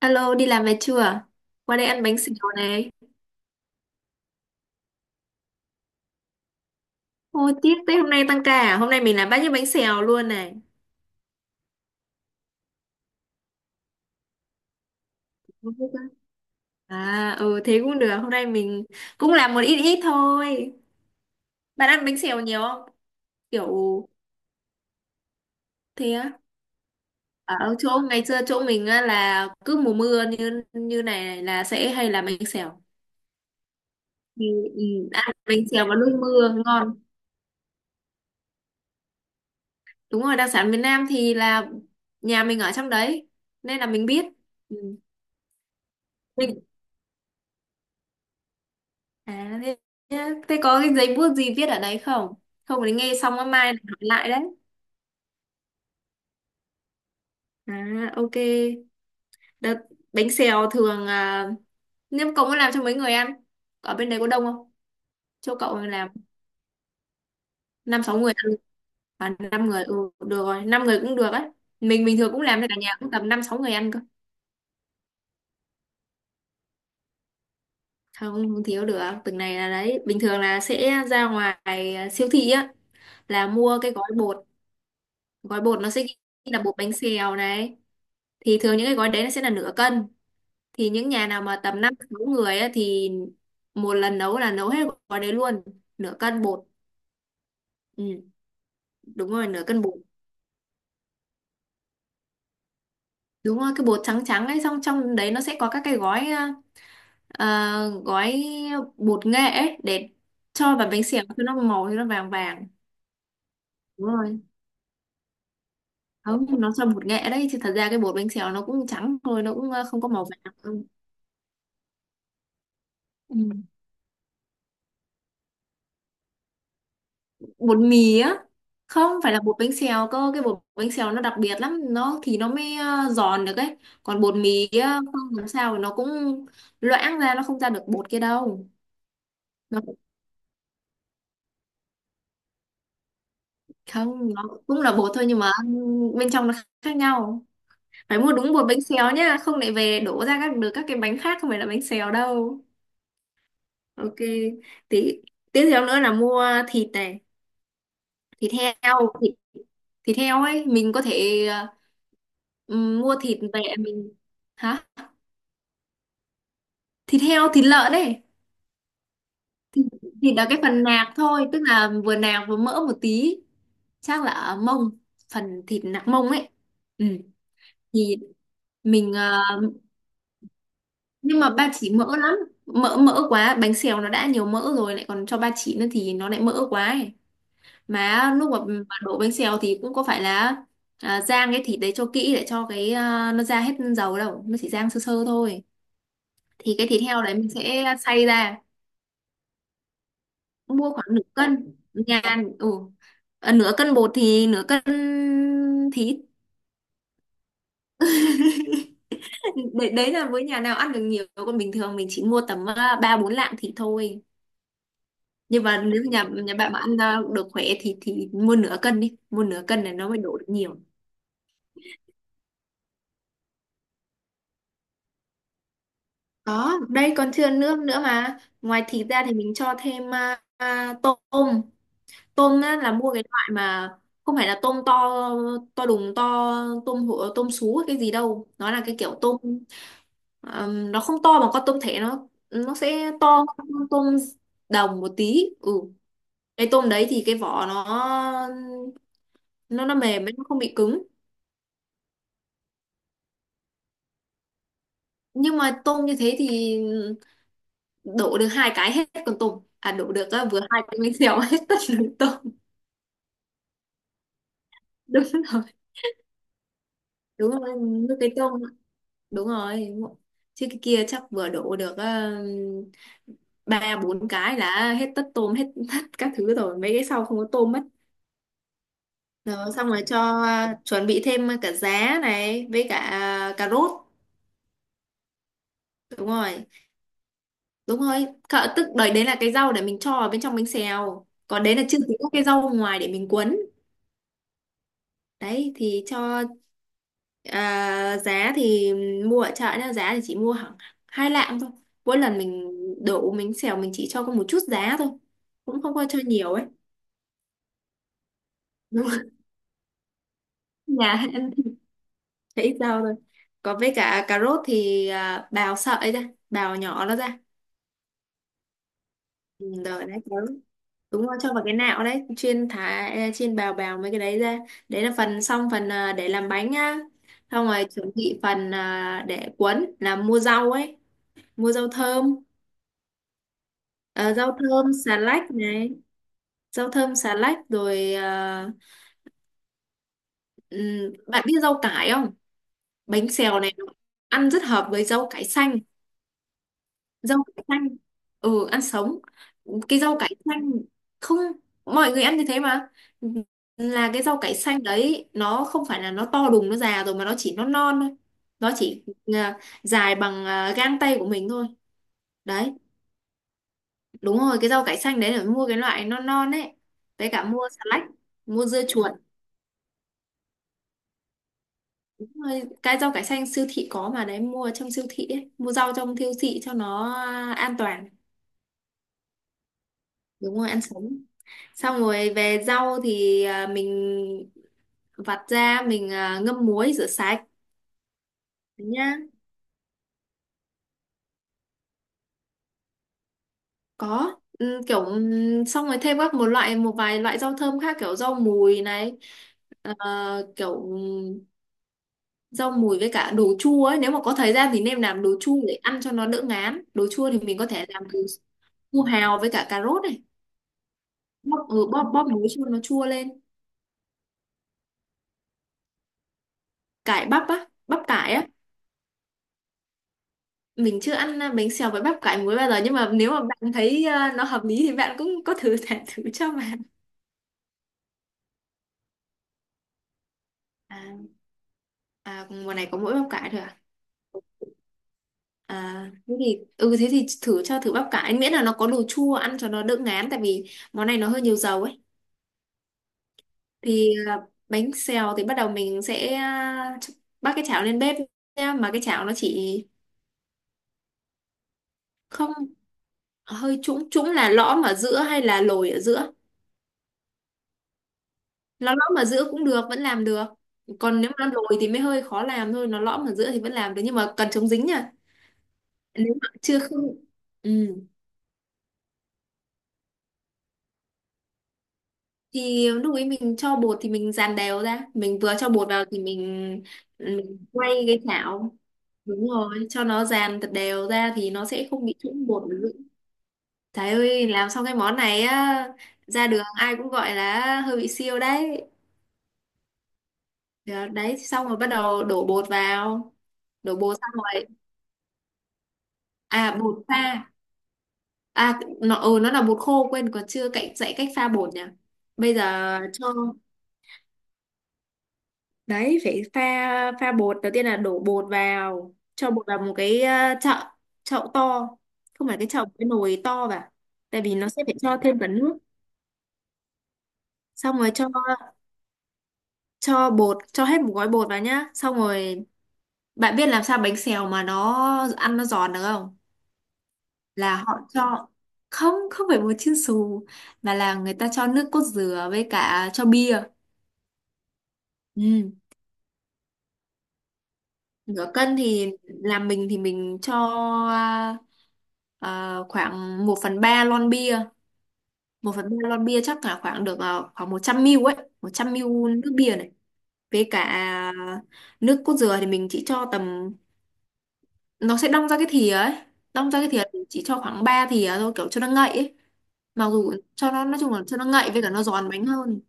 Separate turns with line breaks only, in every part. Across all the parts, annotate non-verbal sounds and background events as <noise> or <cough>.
Alo, đi làm về chưa? Qua đây ăn bánh xèo này. Ôi, tiếc thế, hôm nay tăng ca à? Hôm nay mình làm bát những bánh xèo luôn này. Không biết á. Thế cũng được. Hôm nay mình cũng làm một ít ít thôi. Bạn ăn bánh xèo nhiều không? Kiểu thế á. Ở chỗ ngày xưa, chỗ mình á, là cứ mùa mưa như như này là sẽ hay làm bánh xèo. Ừ, ừ, ăn bánh xèo vào lúc mưa ngon. Đúng rồi, đặc sản miền Nam thì là nhà mình ở trong đấy nên là mình biết. Ừ. Mình À, thế, thế, có cái giấy bút gì viết ở đấy không? Không thì nghe xong á, mai hỏi lại đấy. À, ok. Đợt bánh xèo thường à, nếu cậu muốn làm cho mấy người ăn, ở bên đấy có đông không? Chỗ cậu làm 5-6 người ăn, à, năm người, được rồi, 5 người cũng được á. Mình bình thường cũng làm cho cả nhà cũng tầm 5-6 người ăn cơ. Không, không thiếu được. Từng này là đấy, bình thường là sẽ ra ngoài, siêu thị á là mua cái gói bột nó sẽ ghi là bột bánh xèo này. Thì thường những cái gói đấy nó sẽ là nửa cân, thì những nhà nào mà tầm 5-6 người á thì một lần nấu là nấu hết gói đấy luôn, nửa cân bột. Ừ, đúng rồi, nửa cân bột. Đúng rồi, cái bột trắng trắng ấy, xong trong đấy nó sẽ có các cái gói, ờ, gói bột nghệ ấy để cho vào bánh xèo cho nó màu, cho nó vàng vàng. Đúng rồi. Không, nó cho bột nghệ đấy chứ thật ra cái bột bánh xèo nó cũng trắng thôi, nó cũng không có màu vàng. Ừ. Bột mì á, không phải là bột bánh xèo cơ, cái bột bánh xèo nó đặc biệt lắm, nó thì nó mới giòn được ấy. Còn bột mì á, không làm sao nó cũng loãng ra, nó không ra được bột kia đâu. Nó không nó cũng là bột thôi nhưng mà bên trong nó khác nhau. Phải mua đúng bột bánh xèo nhá, không lại về đổ ra các được các cái bánh khác, không phải là bánh xèo đâu. Ok. Tí tiếp theo nữa là mua thịt này. thịt heo thịt, thịt heo ấy, mình có thể mua thịt về mình. Hả? Thịt heo, thịt lợn ấy. Thì, thì là cái phần nạc thôi, tức là vừa nạc vừa mỡ một tí, chắc là ở mông, phần thịt nạc mông ấy. Ừ. thì mình ờ, nhưng mà ba chỉ mỡ lắm, mỡ mỡ quá bánh xèo nó đã nhiều mỡ rồi lại còn cho ba chỉ nữa thì nó lại mỡ quá ấy. Mà lúc mà đổ bánh xèo thì cũng có phải là, rang cái thịt đấy cho kỹ để cho cái, nó ra hết dầu đâu, nó chỉ rang sơ sơ thôi. Thì cái thịt heo đấy mình sẽ xay ra. Mua khoảng nửa cân nhà. Ừ. Ờ, nửa cân bột thì nửa cân thịt. <laughs> Đấy, đấy là với nhà nào ăn được nhiều, còn bình thường mình chỉ mua tầm 3-4 lạng thịt thôi. Nhưng mà nếu nhà nhà bạn mà ăn được khỏe thì mua nửa cân đi, mua nửa cân này nó mới đổ được nhiều. Có, đây còn chưa nước nữa mà, ngoài thịt ra thì mình cho thêm tôm. Tôm á, là mua cái loại mà không phải là tôm to, to đùng to, tôm hũ tôm sú hay cái gì đâu, nó là cái kiểu tôm, nó không to bằng con tôm thẻ, nó sẽ to hơn con tôm đồng một tí. Ừ. Cái tôm đấy thì cái vỏ nó mềm ấy, nó không bị cứng. Nhưng mà tôm như thế thì đổ được hai cái hết con tôm, à, đổ được á, vừa hai cái bánh <laughs> xèo hết tất cả tôm. Đúng rồi. Đúng rồi, nước cái tôm. Đúng rồi, chứ cái kia chắc vừa đổ được ba bốn cái là hết tất, tôm hết tất các thứ rồi, mấy cái sau không có tôm mất. Rồi, xong rồi cho, chuẩn bị thêm cả giá này với cả, cà rốt. Đúng rồi. Đúng rồi, cỡ tức đấy, đấy là cái rau để mình cho ở bên trong bánh xèo, còn đấy là chưa tính các cái rau ngoài để mình cuốn. Đấy thì cho, giá thì mua ở chợ nha, giá thì chỉ mua khoảng 2 lạng thôi, mỗi lần mình đổ mình xẻo mình chỉ cho có một chút giá thôi, cũng không có cho nhiều ấy. Đúng rồi. <laughs> Nhà ăn thì ít rau thôi. Còn với cả cà rốt thì, bào sợi ra, bào nhỏ nó ra. Ừ, rồi, đấy, đúng. Đúng rồi, cho vào cái nạo đấy chuyên thả, chuyên bào bào mấy cái đấy ra. Đấy là phần xong, phần, để làm bánh nhá. Xong rồi chuẩn bị phần, để cuốn là mua rau ấy, mua rau thơm. Ờ, rau thơm xà lách này. Rau thơm xà lách rồi, bạn biết rau cải không? Bánh xèo này nó ăn rất hợp với rau cải xanh. Rau cải xanh, ừ, ăn sống. Cái rau cải xanh, không, mọi người ăn như thế mà, là cái rau cải xanh đấy nó không phải là nó to đùng nó già rồi, mà nó chỉ, nó non thôi. Nó chỉ ờ, dài bằng gang tay của mình thôi. Đấy. Đúng rồi, cái rau cải xanh đấy là mua cái loại non non ấy, với cả mua xà lách, mua dưa chuột. Đúng rồi, cái rau cải xanh siêu thị có mà đấy, mua trong siêu thị ấy, mua rau trong siêu thị cho nó an toàn. Đúng rồi, ăn sống. Xong rồi về rau thì, mình vặt ra mình, ngâm muối rửa sạch nhá. Có, ừ, kiểu, xong rồi thêm các một loại, một vài loại rau thơm khác, kiểu rau mùi này. ờ, kiểu ừ, Rau mùi với cả đồ chua ấy, nếu mà có thời gian thì nên làm đồ chua để ăn cho nó đỡ ngán. Đồ chua thì mình có thể làm từ su hào với cả cà rốt này, bóp, ừ, bóp bóp muối cho nó chua lên. Cải bắp á, bắp cải á, mình chưa ăn, bánh xèo với bắp cải muối bao giờ, nhưng mà nếu mà bạn thấy, nó hợp lý thì bạn cũng có thử <laughs> thả thử cho bạn. À, à mùa này có mỗi bắp cải thôi à? À, thế thì thử, cho thử bắp cải, miễn là nó có đồ chua ăn cho nó đỡ ngán, tại vì món này nó hơi nhiều dầu ấy. Thì, bánh xèo thì bắt đầu mình sẽ, bắc cái chảo lên bếp nha. Mà cái chảo nó chỉ, không, hơi trũng trũng là lõm ở giữa hay là lồi ở giữa? Nó lõm ở giữa cũng được, vẫn làm được. Còn nếu mà lồi thì mới hơi khó làm thôi, nó lõm ở giữa thì vẫn làm được nhưng mà cần chống dính nha. Nếu mà chưa không. Ừ. Thì lúc ấy mình cho bột thì mình dàn đều ra, mình vừa cho bột vào thì mình quay cái chảo. Đúng rồi, cho nó dàn thật đều ra thì nó sẽ không bị trũng bột. Trời ơi, làm xong cái món này á, ra đường ai cũng gọi là hơi bị siêu đấy. Đó, đấy, xong rồi bắt đầu đổ bột vào. Đổ bột xong rồi. À, bột pha. À, nó, ừ, nó là bột khô, quên còn chưa cậy, dạy cách pha bột nhỉ. Bây giờ cho, đấy, phải pha pha bột. Đầu tiên là đổ bột vào, cho bột vào một cái, chậu, chậu to. Không phải cái chậu, cái nồi to vào. Tại vì nó sẽ phải cho thêm cả nước. Xong rồi cho bột, cho hết một gói bột vào nhá. Xong rồi. Bạn biết làm sao bánh xèo mà nó ăn nó giòn được không? Là họ cho, không, không phải bột chiên xù, mà là người ta cho nước cốt dừa với cả cho bia. Ừ. Nửa cân thì làm mình thì mình cho, à, khoảng một phần 3 lon bia. Một phần 3 lon bia chắc là khoảng được, khoảng 100 ml ấy, 100 ml nước bia này. Với cả nước cốt dừa thì mình chỉ cho tầm, nó sẽ đong ra cái thìa ấy, đong ra cái thìa thì chỉ cho khoảng 3 thìa thôi, kiểu cho nó ngậy ấy. Mặc dù cho nó nói chung là cho nó ngậy với cả nó giòn bánh hơn.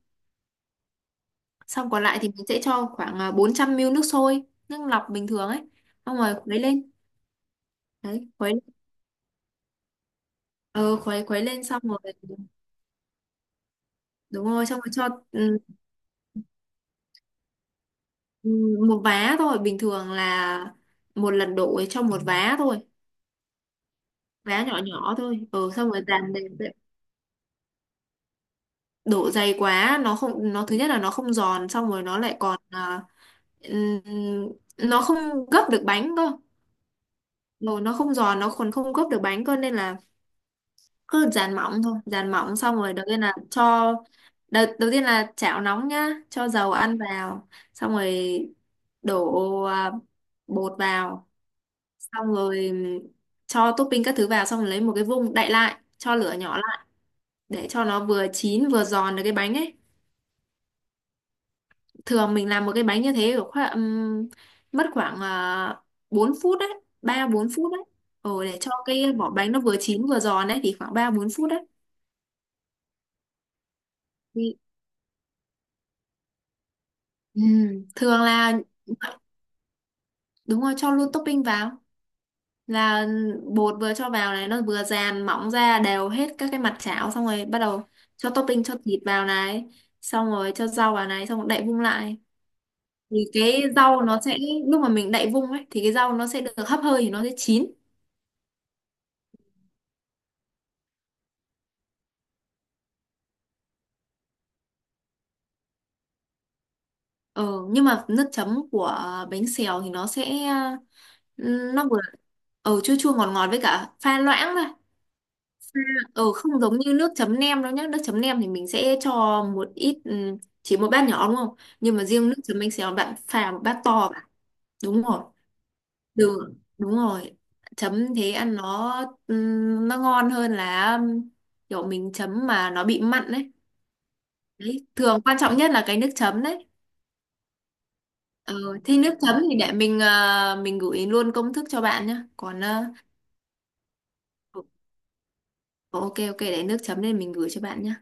Xong còn lại thì mình sẽ cho khoảng, 400 ml nước sôi, nước lọc bình thường ấy. Xong rồi khuấy lên. Đấy, khuấy, ờ, khuấy khuấy lên xong rồi. Đúng rồi, xong rồi cho, ừ, một vá thôi. Bình thường là một lần đổ ấy, cho một vá thôi, vá nhỏ nhỏ thôi. Ờ, xong rồi dàn đều. Độ dày quá nó không, nó thứ nhất là nó không giòn, xong rồi nó lại còn, ừm, nó không gấp được bánh cơ. Rồi nó không giòn, nó còn không gấp được bánh cơ, nên là cứ dàn mỏng thôi. Dàn mỏng xong rồi đầu tiên là cho, đầu tiên là chảo nóng nhá, cho dầu ăn vào. Xong rồi đổ, bột vào, xong rồi cho topping các thứ vào, xong rồi lấy một cái vung đậy lại, cho lửa nhỏ lại để cho nó vừa chín vừa giòn được cái bánh ấy. Thường mình làm một cái bánh như thế kiểu khoảng, mất khoảng uh, 4 phút đấy, 3-4 phút đấy. Ờ, để cho cái vỏ bánh nó vừa chín vừa giòn đấy thì khoảng 3-4 phút đấy. Thì, thường là đúng rồi, cho luôn topping vào là bột vừa cho vào này nó vừa dàn mỏng ra đều hết các cái mặt chảo, xong rồi bắt đầu cho topping, cho thịt vào này, xong rồi cho rau vào này, xong rồi đậy vung lại thì cái rau nó sẽ, lúc mà mình đậy vung ấy thì cái rau nó sẽ được hấp hơi thì nó sẽ chín. Ờ, nhưng mà nước chấm của bánh xèo thì nó sẽ, ừ, nó vừa, ờ, chua chua ngọt ngọt với cả pha loãng thôi. Ờ, không giống như nước chấm nem đâu nhá. Nước chấm nem thì mình sẽ cho một ít, ừ, chỉ một bát nhỏ đúng không? Nhưng mà riêng nước chấm bánh xèo bạn pha một bát to vào. Đúng rồi. Đường đúng rồi. Chấm thế ăn nó, ừ, nó ngon hơn là, ừ, kiểu mình chấm mà nó bị mặn đấy. Đấy, thường quan trọng nhất là cái nước chấm đấy. Ờ, thế nước chấm thì để mình, mình gửi luôn công thức cho bạn nhé. Còn ờ, ok, ok, để nước chấm nên mình gửi cho bạn nhé.